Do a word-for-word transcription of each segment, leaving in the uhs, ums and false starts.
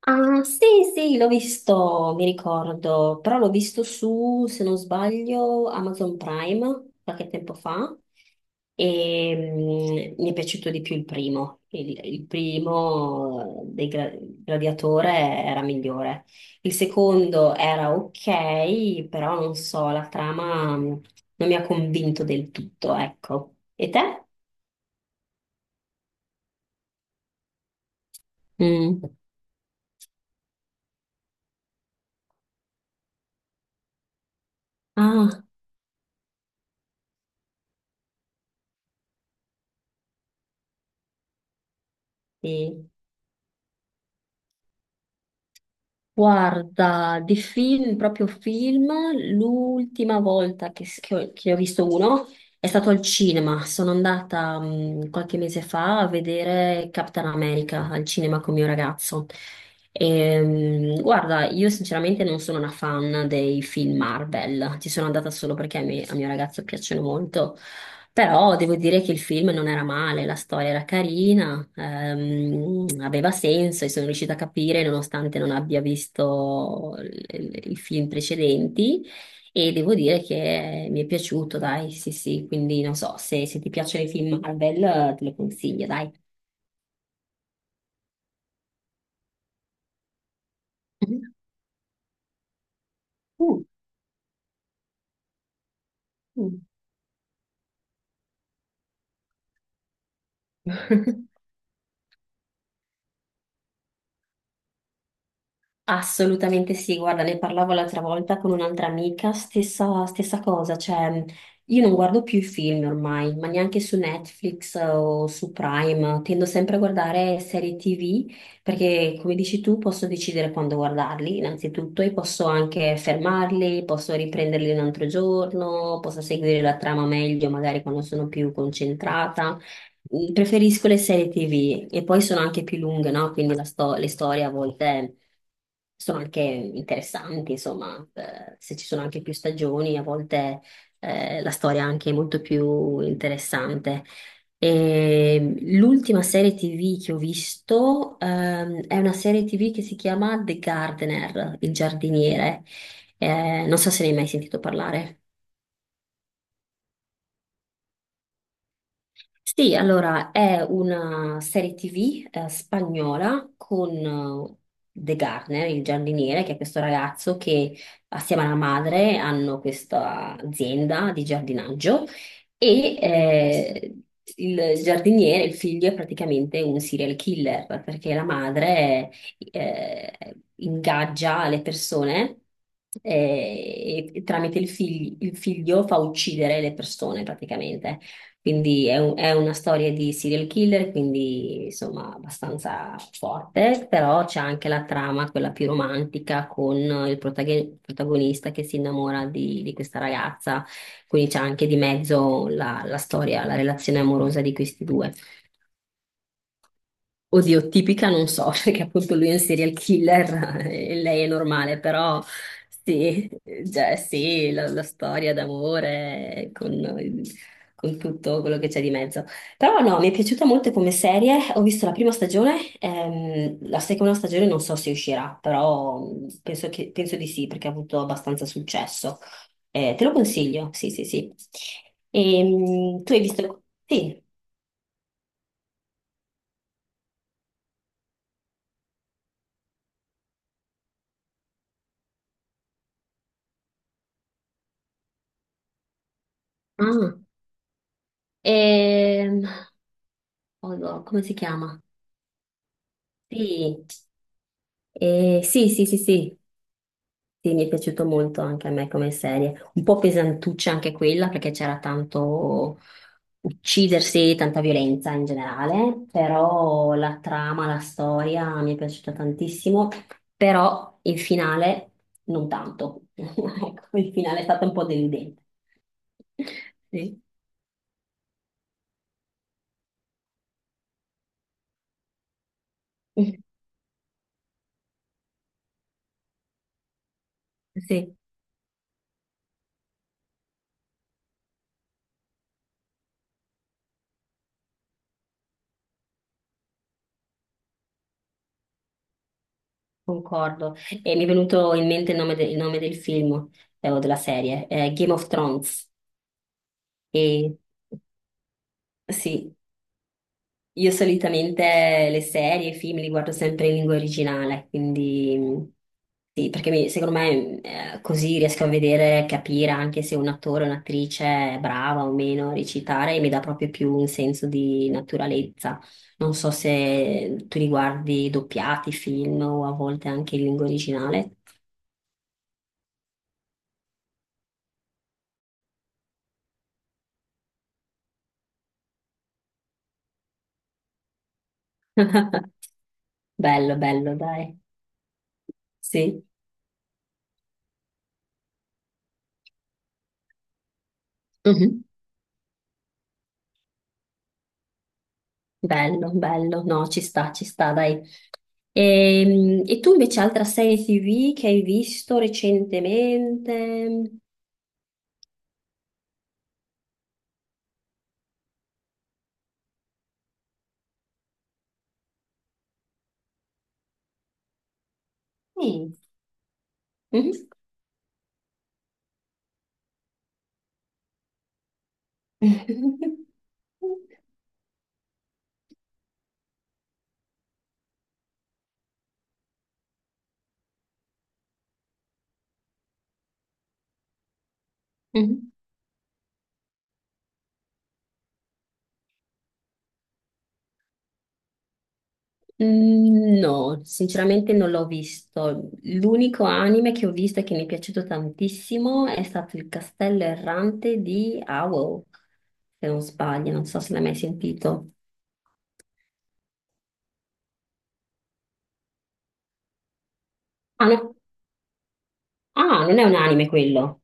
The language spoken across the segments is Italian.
Ah, sì, sì, l'ho visto, mi ricordo, però l'ho visto su, se non sbaglio, Amazon Prime qualche tempo fa e mm, mi è piaciuto di più il primo. Il, il primo dei gra- Gladiatore era migliore. Il secondo era ok, però non so, la trama mm, non mi ha convinto del tutto, ecco. E te? Mm. Ah, sì. Guarda, di film, proprio film, l'ultima volta che, s- che ho, che ho visto uno è stato al cinema. Sono andata mh, qualche mese fa a vedere Capitan America al cinema con mio ragazzo. Ehm, guarda, io sinceramente non sono una fan dei film Marvel, ci sono andata solo perché a me- a mio ragazzo piacciono molto. Però devo dire che il film non era male, la storia era carina, ehm, aveva senso e sono riuscita a capire nonostante non abbia visto il- i film precedenti e devo dire che mi è piaciuto, dai, sì sì, quindi non so, se, se ti piacciono i film Marvel eh, te lo consiglio, dai. Mhm. Mm. Mm. Assolutamente sì, guarda, ne parlavo l'altra volta con un'altra amica, stessa, stessa cosa, cioè io non guardo più i film ormai, ma neanche su Netflix eh, o su Prime, tendo sempre a guardare serie T V perché come dici tu posso decidere quando guardarli innanzitutto e posso anche fermarli, posso riprenderli un altro giorno, posso seguire la trama meglio magari quando sono più concentrata. Preferisco le serie T V e poi sono anche più lunghe, no? Quindi la sto- le storie a volte sono anche interessanti, insomma, eh, se ci sono anche più stagioni, a volte eh, la storia anche è molto più interessante. E l'ultima serie T V che ho visto ehm, è una serie T V che si chiama The Gardener, il giardiniere. Eh, non so se ne hai mai sentito parlare. Sì, allora è una serie T V eh, spagnola con eh, De Garner, il giardiniere, che è questo ragazzo che assieme alla madre hanno questa azienda di giardinaggio e eh, il giardiniere, il figlio, è praticamente un serial killer perché la madre eh, ingaggia le persone eh, e tramite il fig- il figlio fa uccidere le persone praticamente. Quindi è, un- è una storia di serial killer, quindi insomma abbastanza forte, però c'è anche la trama, quella più romantica, con il protago- protagonista che si innamora di, di questa ragazza, quindi c'è anche di mezzo la la storia, la relazione amorosa di questi due. Oddio, tipica non so, perché appunto lui è un serial killer e lei è normale, però sì, cioè sì, la, la storia d'amore con, con tutto quello che c'è di mezzo. Però no, mi è piaciuta molto come serie, ho visto la prima stagione, ehm, la seconda stagione non so se uscirà, però mh, penso che- penso di sì, perché ha avuto abbastanza successo. Eh, te lo consiglio, sì, sì, sì. Ehm, tu hai visto... Sì. Ah. Ehm, Oddio, come si chiama? Sì, eh, sì, sì, sì, sì, sì, mi è piaciuto molto anche a me come serie. Un po' pesantuccia anche quella perché c'era tanto uccidersi, tanta violenza in generale, però la trama, la storia mi è piaciuta tantissimo, però il finale non tanto. Ecco, il finale è stato un po' deludente. Sì, sì. Concordo. E mi è venuto in mente il nome, de- il nome del film eh, o della serie, eh, Game of Thrones. E sì, io solitamente le serie, i film li guardo sempre in lingua originale, quindi mh, sì, perché mi- secondo me eh, così riesco a vedere, capire anche se un attore o un'attrice è brava o meno a recitare e mi dà proprio più un senso di naturalezza. Non so se tu li guardi doppiati, film o a volte anche in lingua originale. Bello, bello, dai. Sì. Mhm. Bello, bello. No, ci sta, ci sta, dai. Ehm, E, tu invece altra serie T V che hai visto recentemente? Mm. Mhm. Mhm. Mm, no, sinceramente non l'ho visto. L'unico anime che ho visto e che mi è piaciuto tantissimo è stato Il Castello Errante di Owl, se non sbaglio, non so se l'hai mai sentito. Ah, no. Ah, non è un anime quello.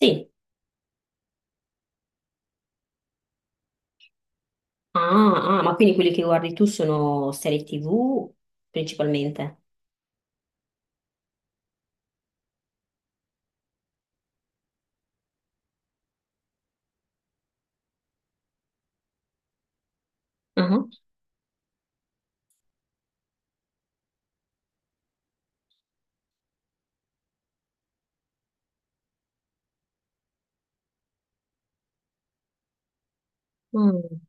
Sì. Ah, ah, ma quindi quelli che guardi tu sono serie T V principalmente? Mhm. Mm,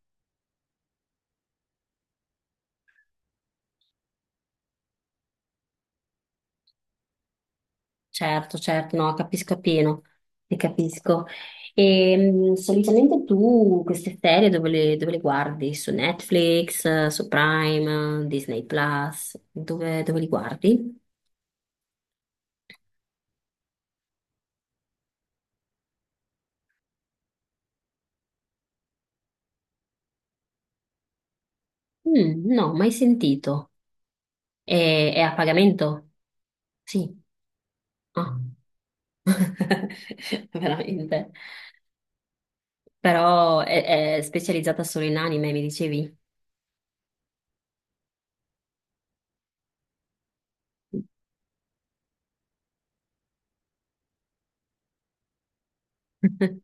certo, certo, no, capisco appieno, ti capisco. E mm, solitamente tu queste serie dove le, dove le guardi? Su Netflix, eh, su Prime, eh, Disney Plus? Dove, dove li guardi? Mm, no, mai sentito. E- È a pagamento? Sì. Ah. Veramente. Però è, è specializzata solo in anime, mi dicevi?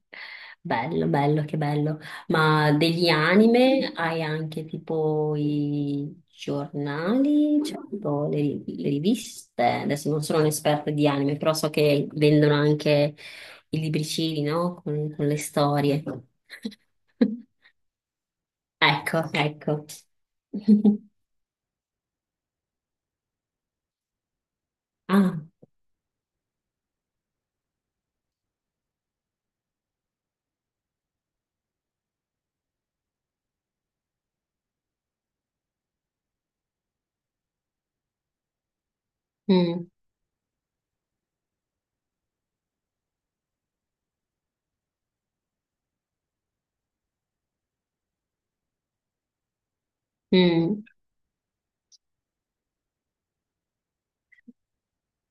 Bello, bello, che bello. Ma degli anime hai anche tipo i giornali, cioè tipo le, le riviste. Adesso non sono un'esperta di anime, però so che vendono anche i libricini, no? Con, con le storie. Ecco, ecco. Ah, mm, mm.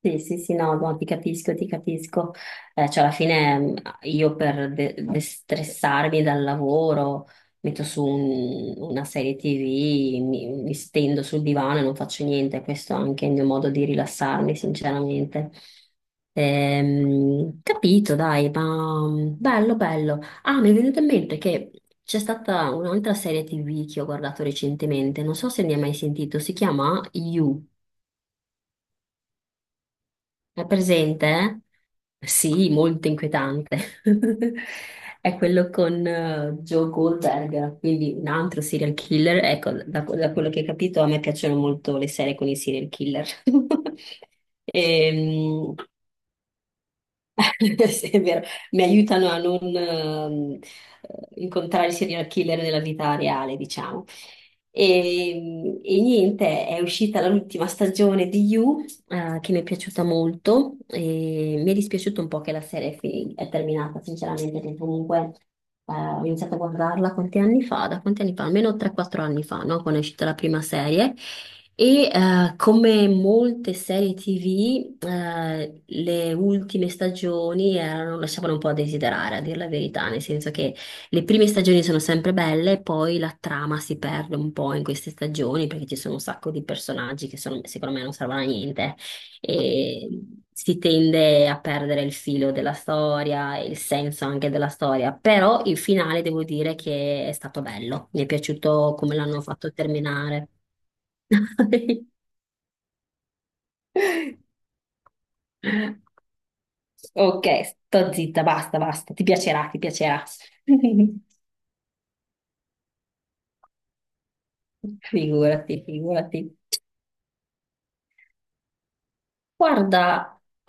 Sì, sì, sì, no, no, ti capisco, ti capisco. Eh, cioè, alla fine mh, io per de- destressarmi dal lavoro metto su un- una serie T V, mi, mi stendo sul divano e non faccio niente. Questo è anche il mio modo di rilassarmi, sinceramente. Ehm, capito, dai, ma mh, bello, bello. Ah, mi è venuto in mente che c'è stata un'altra serie T V che ho guardato recentemente, non so se ne hai mai sentito, si chiama You. È presente? Eh? Sì, molto inquietante. È quello con eh, Joe Goldberg, quindi un altro serial killer. Ecco, da, da quello che ho capito, a me piacciono molto le serie con i serial killer. Ehm, sì, è vero, mi aiutano a non ehm, incontrare i serial killer nella vita reale, diciamo. E, e niente, è uscita l'ultima stagione di You eh, che mi è piaciuta molto e mi è dispiaciuto un po' che la serie è, fi- è terminata, sinceramente, perché comunque eh, ho iniziato a guardarla quanti anni fa, da quanti anni fa? Almeno tre quattro anni fa, no? Quando è uscita la prima serie. E eh, come molte serie T V, eh, le ultime stagioni erano- lasciavano un po' a desiderare, a dir la verità, nel senso che le prime stagioni sono sempre belle, poi la trama si perde un po' in queste stagioni perché ci sono un sacco di personaggi che sono- secondo me non servono a niente e si tende a perdere il filo della storia, e il senso anche della storia, però il finale devo dire che è stato bello, mi è piaciuto come l'hanno fatto terminare. Ok, sto zitta, basta, basta, ti piacerà, ti piacerà. Figurati, figurati. Guarda,